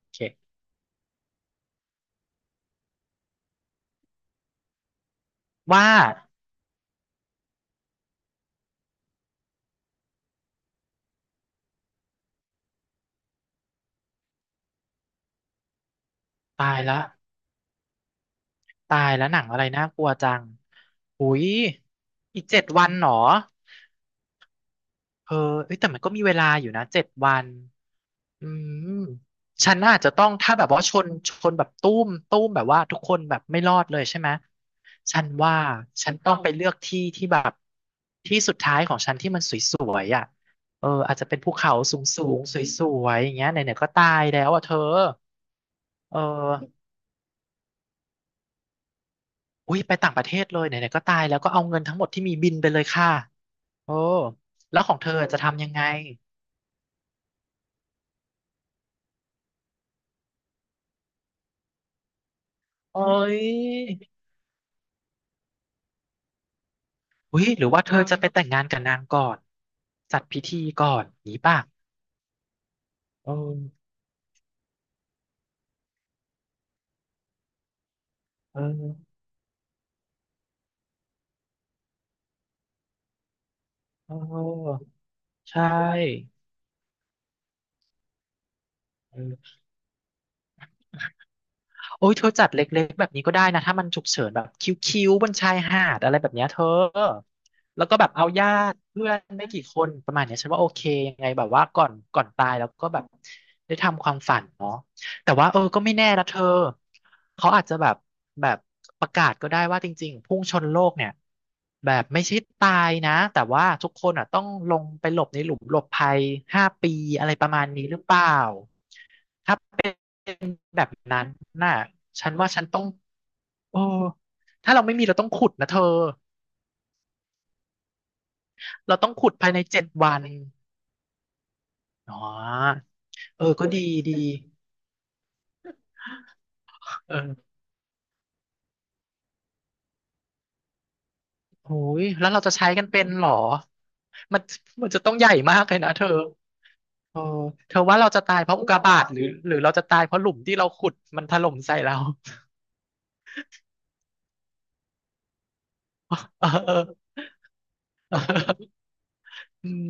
โอเคว่าตายละตายแล้วหนังอะไรน่ากลัวจังหุยอีกเจ็ดวันเหรอเออเอ้ยแต่มันก็มีเวลาอยู่นะเจ็ดวันอืมฉันอาจจะต้องถ้าแบบว่าชนแบบตุ้มตุ้มแบบว่าทุกคนแบบไม่รอดเลยใช่ไหมฉันว่าฉันต้องไปเลือกที่แบบที่สุดท้ายของฉันที่มันสวยๆอ่ะเอออาจจะเป็นภูเขาสูงๆสวยๆอย่างเงี้ยไหนๆก็ตายแล้วอ่ะเธอเออ อุ้ยไปต่างประเทศเลยไหนๆก็ตายแล้วก็เอาเงินทั้งหมดที่มีบินไปเลยค่ะโอ้แล้วของเธอจะทำยังไงโอ้ยอุ้ยหรือว่าเธอจะไปแต่งงานกับนางก่อนจัดพิธีก่อนนี้ป่ะเออเออเออใช่เออ โอ้ยเธอจัดเล็กๆแบบนี้ก็ได้นะถ้ามันฉุกเฉินแบบคิ้วๆบนชายหาดอะไรแบบเนี้ยเธอแล้วก็แบบเอาญาติเพื่อนไม่กี่คนประมาณเนี้ยฉันว่าโอเคยังไงแบบว่าก่อนตายแล้วก็แบบได้ทำความฝันเนาะแต่ว่าเออก็ไม่แน่นะเธอเขาอาจจะแบบประกาศก็ได้ว่าจริงๆพุ่งชนโลกเนี่ยแบบไม่ใช่ตายนะแต่ว่าทุกคนอ่ะต้องลงไปหลบในหลุมหลบภัยห้าปีอะไรประมาณนี้หรือเปล่า เป็นแบบนั้นน่ะฉันว่าฉันต้องโอ้ถ้าเราไม่มีเราต้องขุดนะเธอเราต้องขุดภายในเจ็ดวันอ๋อเออ ก็ดีดีเออโอ้ยแล้วเราจะใช้กันเป็นเหรอ มันมันจะต้องใหญ่มากเลยนะเธอเออเธอว่าเราจะตายเพราะอุกกาบาตหรือเราจะตายเพราะหลุมที่เราขุดมันถล่มใส่เราเออ อืม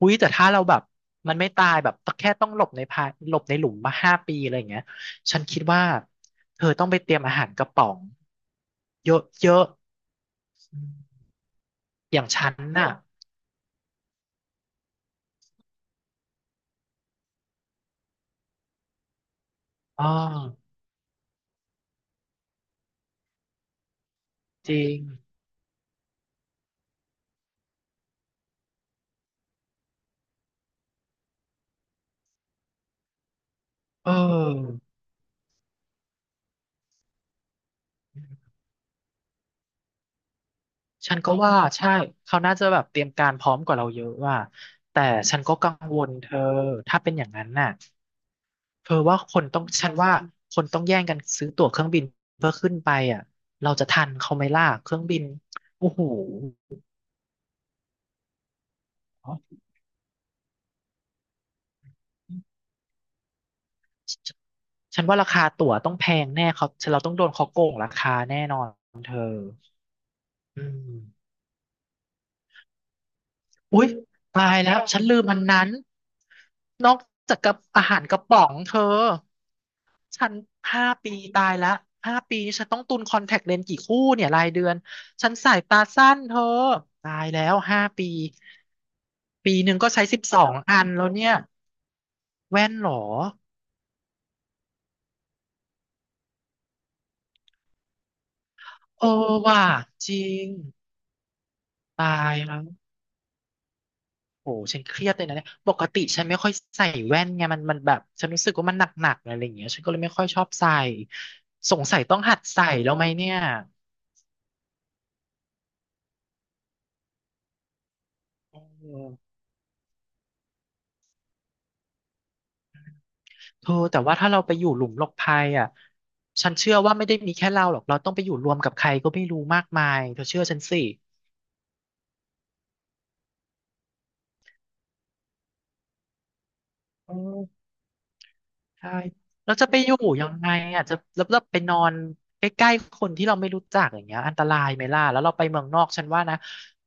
อุ้ยแต่ถ้าเราแบบมันไม่ตายแบบแค่ต้องหลบในพาหลบในหลุมมาห้าปีอะไรอย่างเงี้ยฉันคิดว่าเธอต้องไปเตรียมอาหารกระป๋องเยอะเยอะอมอย่างฉันน่ะอ๋อจริงเออฉันก็ว่าใช่เขาน่าจะแบบเตรียมการพร้อมกว่าเราเยอะว่าแต่ฉันก็กังวลเธอถ้าเป็นอย่างนั้นน่ะ เธอว่าคนต้องฉันว่าคนต้องแย่งกันซื้อตั๋วเครื่องบินเพื่อขึ้นไปอ่ะเราจะทันเขาไหมล่ะเครื่องบินโอ้โหฉฉันว่าราคาตั๋วต้องแพงแน่เขาเราต้องโดนเขาโกงราคาแน่นอนเธออืมอุ๊ยตายแล้วฉันลืมมันนั้นนอกจากกับอาหารกระป๋องเธอ ฉัน5 ปีตายละห้าปีนี่ฉันต้องตุนคอนแทคเลนส์กี่คู่เนี่ยรายเดือนฉันสายตาสั้นเธอตายแล้วห้าปีปีหนึ่งก็ใช้12 อันแล้วเนี่ยแว่นเหรอเออว่ะจริงตายแล้วโหฉันเครียดเลยนะเนี่ยปกติฉันไม่ค่อยใส่แว่นไงมันแบบฉันรู้สึกว่ามันหนักๆอะไรอย่างเงี้ยฉันก็เลยไม่ค่อยชอบใส่สงสัยต้องหัดใส่แล้วไหมเนี่ยเออ เธอแต่ว่าถ้าเราไปอยู่หลุมหลบภัยอ่ะฉันเชื่อว่าไม่ได้มีแค่เราหรอกเราต้องไปอยู่รวมกับใครก็ไม่รู้มากมายเธอเชื่อฉันสิเออใช่เราจะไปอยู่ยังไงอ่ะจะแล้วเราไปนอนใกล้ๆคนที่เราไม่รู้จักอย่างเงี้ยอันตรายไหมล่ะแล้วเราไปเมืองนอกฉันว่านะ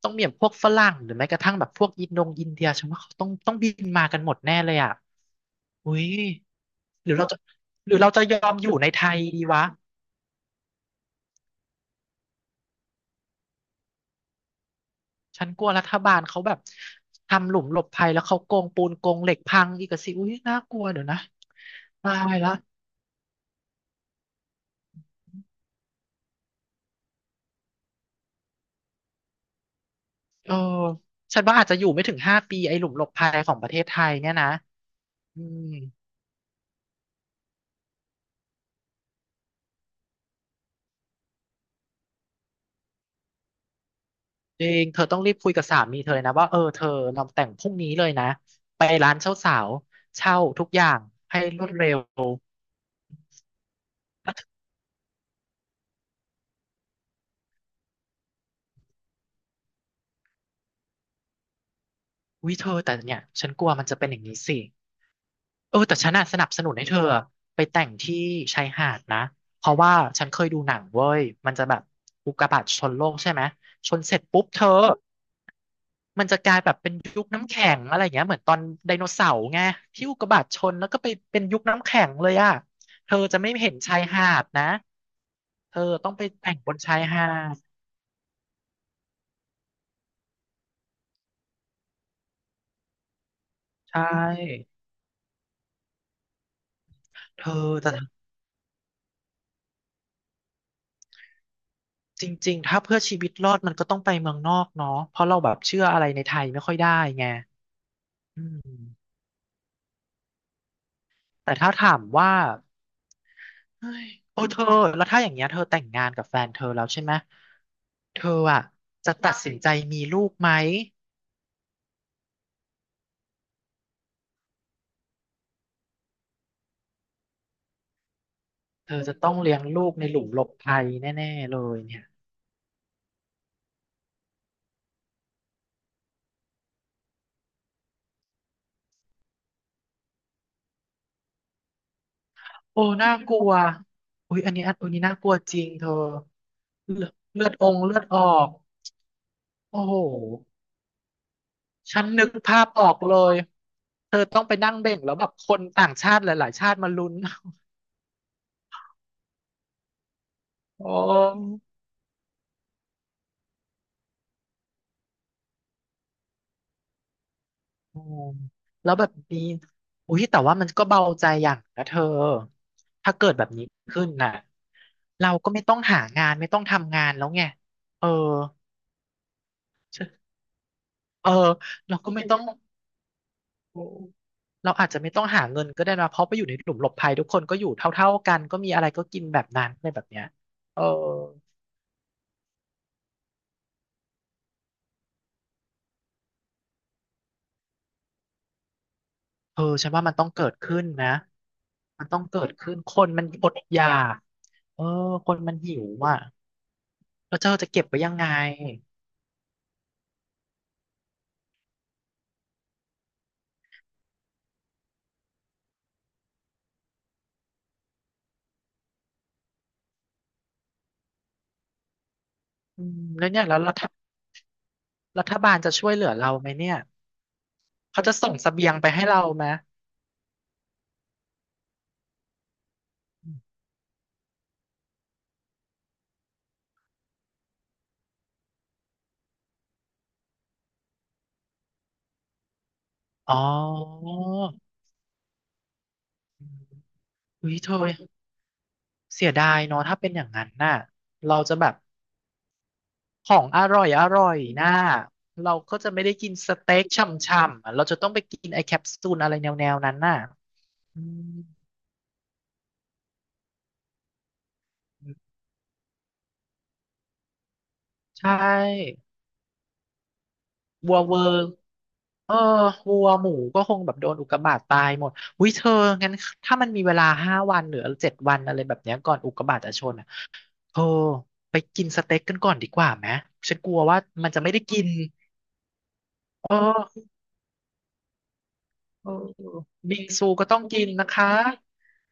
ต้องมีแบบพวกฝรั่งหรือแม้กระทั่งแบบพวกอินโดงอินเดียฉันว่าเขาต้องบินมากันหมดแน่เลยอ่ะอุ้ยหรือเราจะหรือเราจะยอมอยู่ในไทยดีวะ ฉันกลัวรัฐบาลเขาแบบทำหลุมหลบภัยแล้วเขาโกงปูนโกงเหล็กพังอีกอะสิอุ้ยน่ากลัวเดี๋ยวนะตายละเออฉันว่าอาจจะอยู่ไม่ถึงห้าปีไอ้หลุมหลบภัยของประเทศไทยเนี่ยนะอืมจริงเธอต้องรีบคุยกับสามีเธอเลยนะว่าเออเธอเราแต่งพรุ่งนี้เลยนะไปร้านเช่าสาวเช่าทุกอย่างให้รวดเร็วอุ้ยเธอแต่เนี่ยฉันกลัวมันจะเป็นอย่างนี้สิ เออแต่ฉันน่ะสนับสนุนให้เธอไปแต่งที่ชายหาดนะเพราะว่าฉันเคยดูหนังเว้ยมันจะแบบอุกกาบาตชนโลกใช่ไหมชนเสร็จปุ๊บเธอมันจะกลายแบบเป็นยุคน้ำแข็งอะไรเงี้ยเหมือนตอนไดโนเสาร์ไงที่อุกกาบาตชนแล้วก็ไปเป็นยุคน้ำแข็งเลยอ่ะเธอจะไม่เห็นชายหาดนะเธอต้องไปแต่งบนชายหาดใช่เธอแต่จริงๆถ้าเพื่อชีวิตรอดมันก็ต้องไปเมืองนอกเนาะเพราะเราแบบเชื่ออะไรในไทยไม่ค่อยได้ไงอืม แต่ถ้าถามว่าเฮ้ยโอ้เธอแล้วถ้าอย่างเงี้ยเธอแต่งงานกับแฟนเธอแล้วใช่ไหมเธออ่ะจะตัดสินใจมีลูกไหม เธอจะต้องเลี้ยงลูกในหลุมหลบภัยแน่ๆเลยเนี่ยโอ้น่ากลัว อุ้ยอันนี้น่ากลัวจริงเธอเลือดองค์เลือดออก โอ้โห ฉันนึกภาพออกเลย เธอต้องไปนั่งเบ่งแล้วแบบคนต่างชาติหลายๆชาติมาลุ้น โอ้ โอ้แล้วแบบนี้อุ้ยแต่ว่ามันก็เบาใจอย่างนะเธอถ้าเกิดแบบนี้ขึ้นน่ะเราก็ไม่ต้องหางานไม่ต้องทำงานแล้วไงเออเออเราก็ไม่ต้องโอ้เราอาจจะไม่ต้องหาเงินก็ได้นะเพราะไปอยู่ในหลุมหลบภัยทุกคนก็อยู่เท่าๆกันก็มีอะไรก็กินแบบนั้นอะไรแบบเนี้ยเออเออฉันว่ามันต้องเกิดขึ้นนะมันต้องเกิดขึ้นคนมันอดอยากเออคนมันหิวอ่ะแล้วเธอจะเก็บไว้ยังไง อืมแล้วเนี่ยแล้วรัฐบาลจะช่วยเหลือเราไหมเนี่ยเขาจะส่งเสบียงไปให้เราไหมอ๋ออุ้ยเธอเสียดายเนาะถ้าเป็นอย่างนั้นน่ะเราจะแบบของอร่อยอร่อยน่ะเราก็จะไม่ได้กินสเต็กช่ำๆอ่ะเราจะต้องไปกินไอแคปซูลอะไรแนวๆนั้นน่ะอืมใช่ วัวเวอร์เออวัวหมูก็คงแบบโดนอุกกาบาตตายหมดอุ้ยเธองั้นถ้ามันมีเวลา5 วันหรือเจ็ดวันอะไรแบบเนี้ยก่อนอุกกาบาตจะชนอ่ะเธอไปกินสเต็กกันก่อนดีกว่าไหมฉันกลัวว่ามันจะไม่ได้กินเออเออเออบิงซูก็ต้องกินนะคะ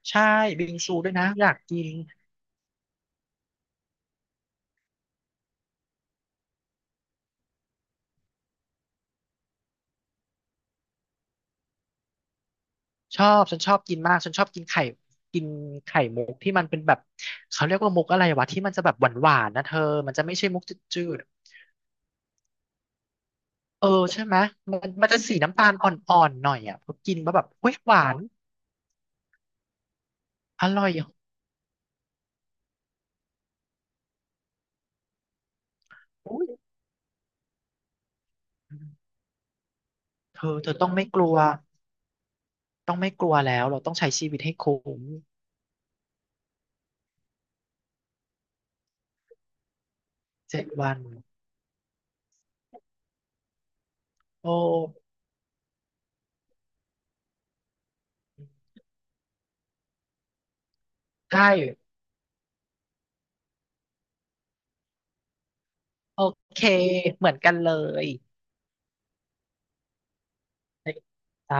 ใช่บิงซูด้วยนะ อยากกินชอบ ฉันชอบกินมาก ฉันชอบกินไข่กินไข่มุกที่มันเป็นแบบ เขาเรียกว่ามุกอะไรวะที่มันจะแบบหวานๆนะเธอมันจะไม่ใช่มุกจืด เออใช่ไหมมันมันจะสีน้ำตาลอ่อนๆหน่อยอ่ะพอกินแล้วแบบอุ้ยหวานอร่อยอ่ะอุ๊ยเธอเธอต้องไม่กลัวต้องไม่กลัวแล้วเราต้องใช้ชีวิตให้คุ้มเจ็ดวันโอ้ใช่โอเคเหมือนกันเลยจ้า